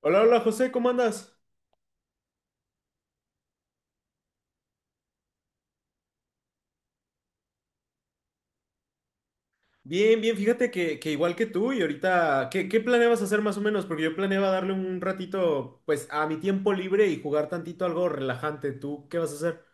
Hola, hola José, ¿cómo andas? Bien, bien, fíjate que igual que tú. Y ahorita, ¿qué planeabas hacer más o menos? Porque yo planeaba darle un ratito, pues, a mi tiempo libre y jugar tantito algo relajante. ¿Tú qué vas a hacer?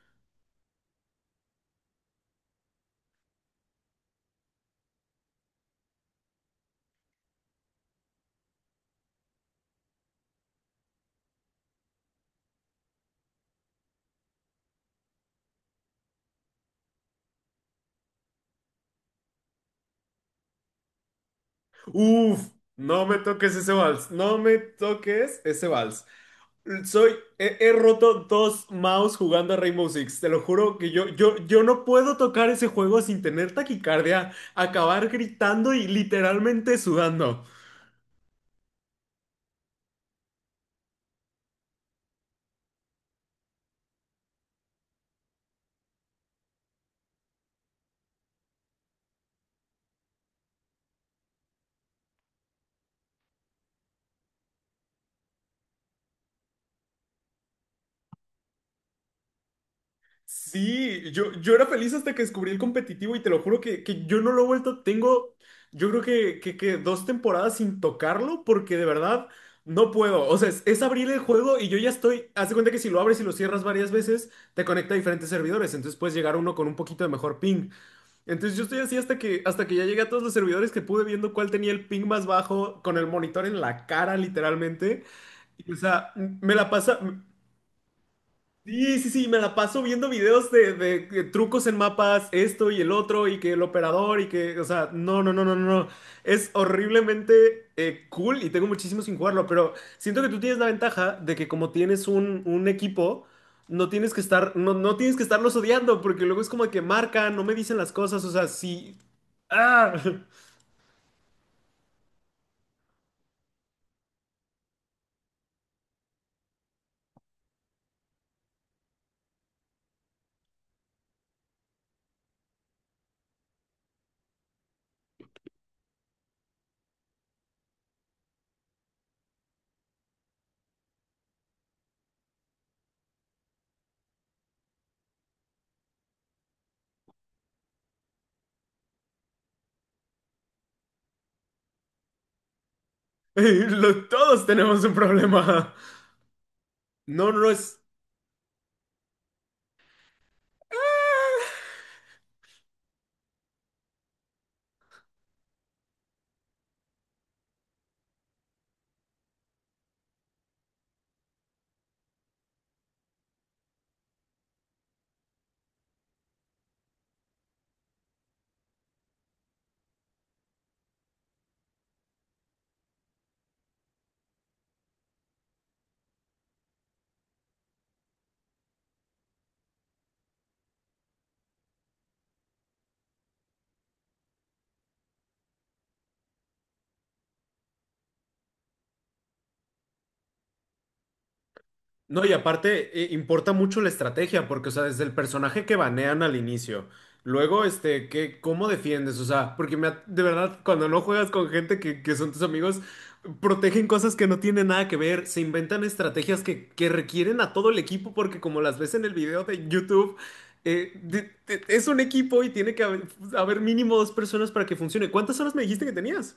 Uf, no me toques ese vals, no me toques ese vals. He roto dos mouse jugando a Rainbow Six. Te lo juro que yo no puedo tocar ese juego sin tener taquicardia, acabar gritando y literalmente sudando. Sí, yo era feliz hasta que descubrí el competitivo, y te lo juro que yo no lo he vuelto. Tengo, yo creo que dos temporadas sin tocarlo, porque de verdad no puedo. O sea, es abrir el juego y yo ya estoy. Haz de cuenta que si lo abres y lo cierras varias veces, te conecta a diferentes servidores, entonces puedes llegar a uno con un poquito de mejor ping. Entonces yo estoy así hasta que ya llegué a todos los servidores que pude, viendo cuál tenía el ping más bajo, con el monitor en la cara, literalmente. Y, o sea, me la pasa. Sí, sí, sí, me la paso viendo videos de, de trucos en mapas, esto y el otro, y que el operador, y que, o sea, no, no, no, no, no, no. Es horriblemente cool y tengo muchísimo sin jugarlo, pero siento que tú tienes la ventaja de que como tienes un equipo, no tienes que estar, no, no tienes que estarlos odiando, porque luego es como que marcan, no me dicen las cosas, o sea, sí, ah, lo- todos tenemos un problema. No, no, no, es... No, y aparte importa mucho la estrategia, porque, o sea, desde el personaje que banean al inicio, luego, este, que, ¿cómo defiendes? O sea, porque de verdad, cuando no juegas con gente que son tus amigos, protegen cosas que no tienen nada que ver, se inventan estrategias que requieren a todo el equipo, porque como las ves en el video de YouTube, es un equipo y tiene que haber, haber mínimo dos personas para que funcione. ¿Cuántas horas me dijiste que tenías?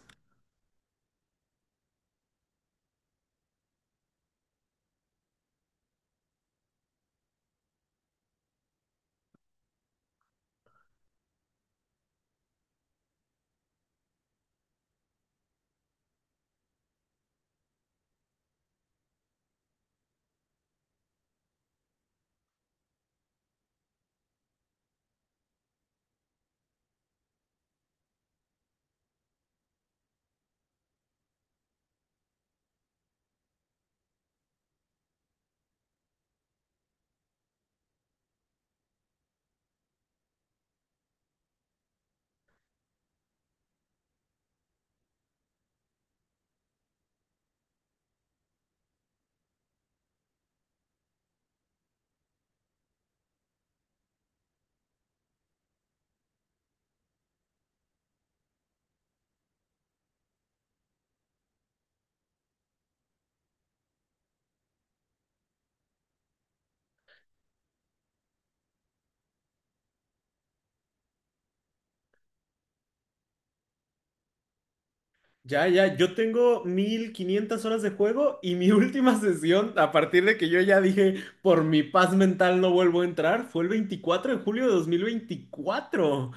Ya, ya, yo tengo 1500 horas de juego. Y mi última sesión, a partir de que yo ya dije, por mi paz mental no vuelvo a entrar, fue el 24 de julio de 2024.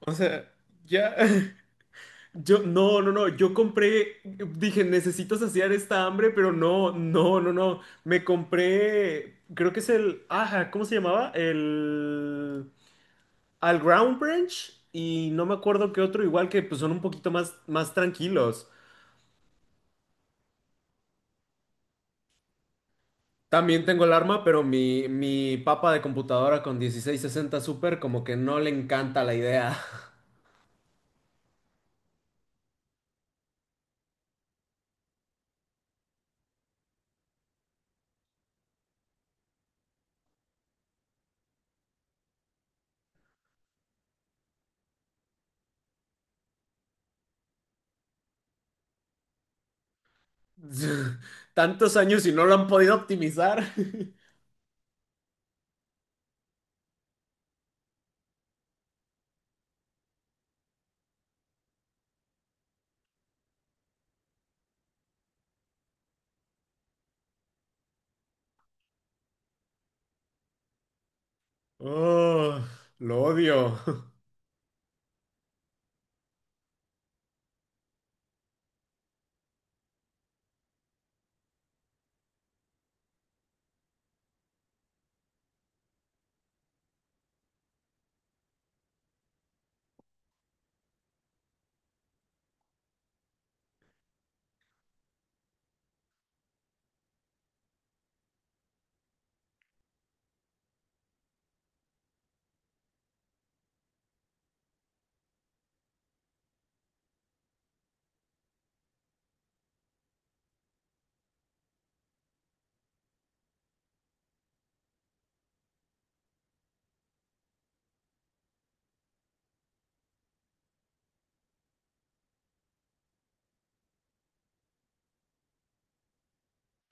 O sea, ya, yo, no, no, no, yo compré, dije, necesito saciar esta hambre. Pero no, no, no, no, me compré, creo que es el, ajá, ¿cómo se llamaba? El, al Ground Branch, y no me acuerdo qué otro, igual que pues son un poquito más, más tranquilos. También tengo el arma, pero mi papa de computadora con 1660 Super como que no le encanta la idea. Tantos años y no lo han podido optimizar. Oh, lo odio.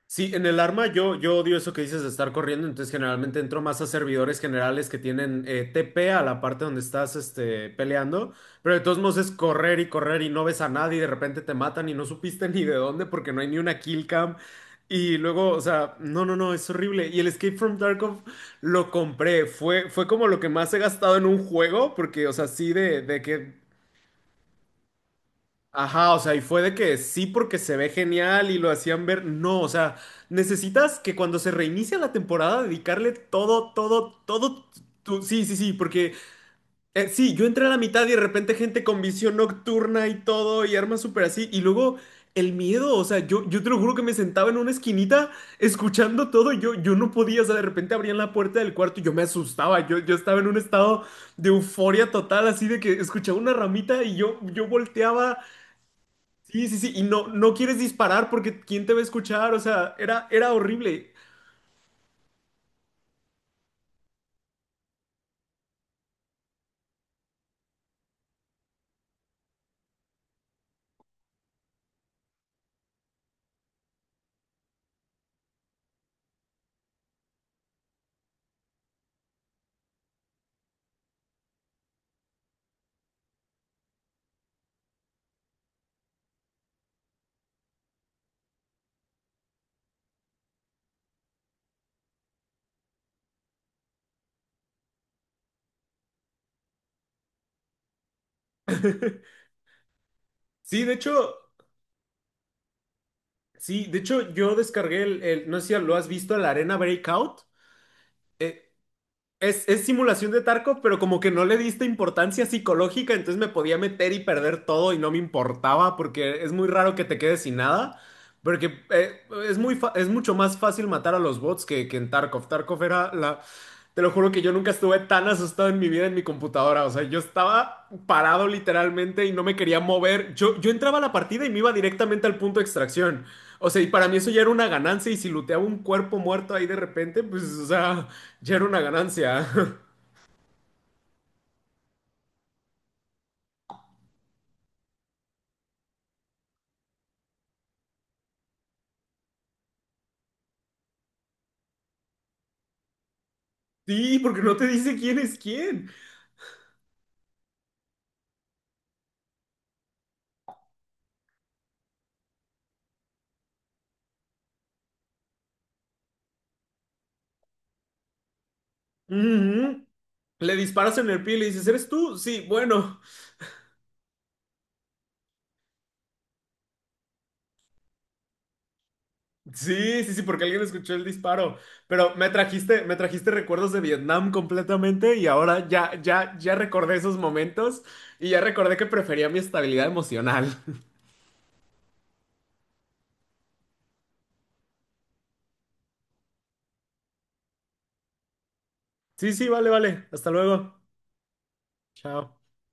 Sí, en el arma yo, yo odio eso que dices de estar corriendo, entonces generalmente entro más a servidores generales que tienen TP a la parte donde estás este, peleando, pero de todos modos es correr y correr y no ves a nadie y de repente te matan y no supiste ni de dónde, porque no hay ni una kill cam. Y luego, o sea, no, no, no, es horrible. Y el Escape from Tarkov lo compré, fue, fue como lo que más he gastado en un juego porque, o sea, sí de que... Ajá, o sea, y fue de que sí porque se ve genial y lo hacían ver. No, o sea, necesitas que cuando se reinicia la temporada dedicarle todo, todo, todo. Tu... Sí, sí, sí, porque sí, yo entré a la mitad y de repente gente con visión nocturna y todo y armas súper así. Y luego el miedo, o sea, yo te lo juro que me sentaba en una esquinita escuchando todo. Y yo no podía, o sea, de repente abrían la puerta del cuarto y yo me asustaba. Yo estaba en un estado de euforia total, así de que escuchaba una ramita y yo volteaba. Sí, sí, sí, y no, no quieres disparar porque ¿quién te va a escuchar? O sea, era horrible. Sí, de hecho, sí, de hecho yo descargué el, no sé si lo has visto, la Arena Breakout. Eh, es simulación de Tarkov, pero como que no le diste importancia psicológica, entonces me podía meter y perder todo y no me importaba porque es muy raro que te quedes sin nada. Porque es mucho más fácil matar a los bots que en Tarkov. Tarkov era la... Te lo juro que yo nunca estuve tan asustado en mi vida en mi computadora. O sea, yo estaba parado literalmente y no me quería mover. Yo entraba a la partida y me iba directamente al punto de extracción. O sea, y para mí eso ya era una ganancia. Y si looteaba un cuerpo muerto ahí de repente, pues, o sea, ya era una ganancia. Sí, porque no te dice quién es quién. Ujú. Le disparas en el pie y le dices, ¿eres tú? Sí, bueno. Sí, sí, sí, porque alguien escuchó el disparo. Pero me trajiste recuerdos de Vietnam completamente, y ahora ya, ya, ya recordé esos momentos y ya recordé que prefería mi estabilidad emocional. Sí, sí, vale, vale. Hasta luego. Chao.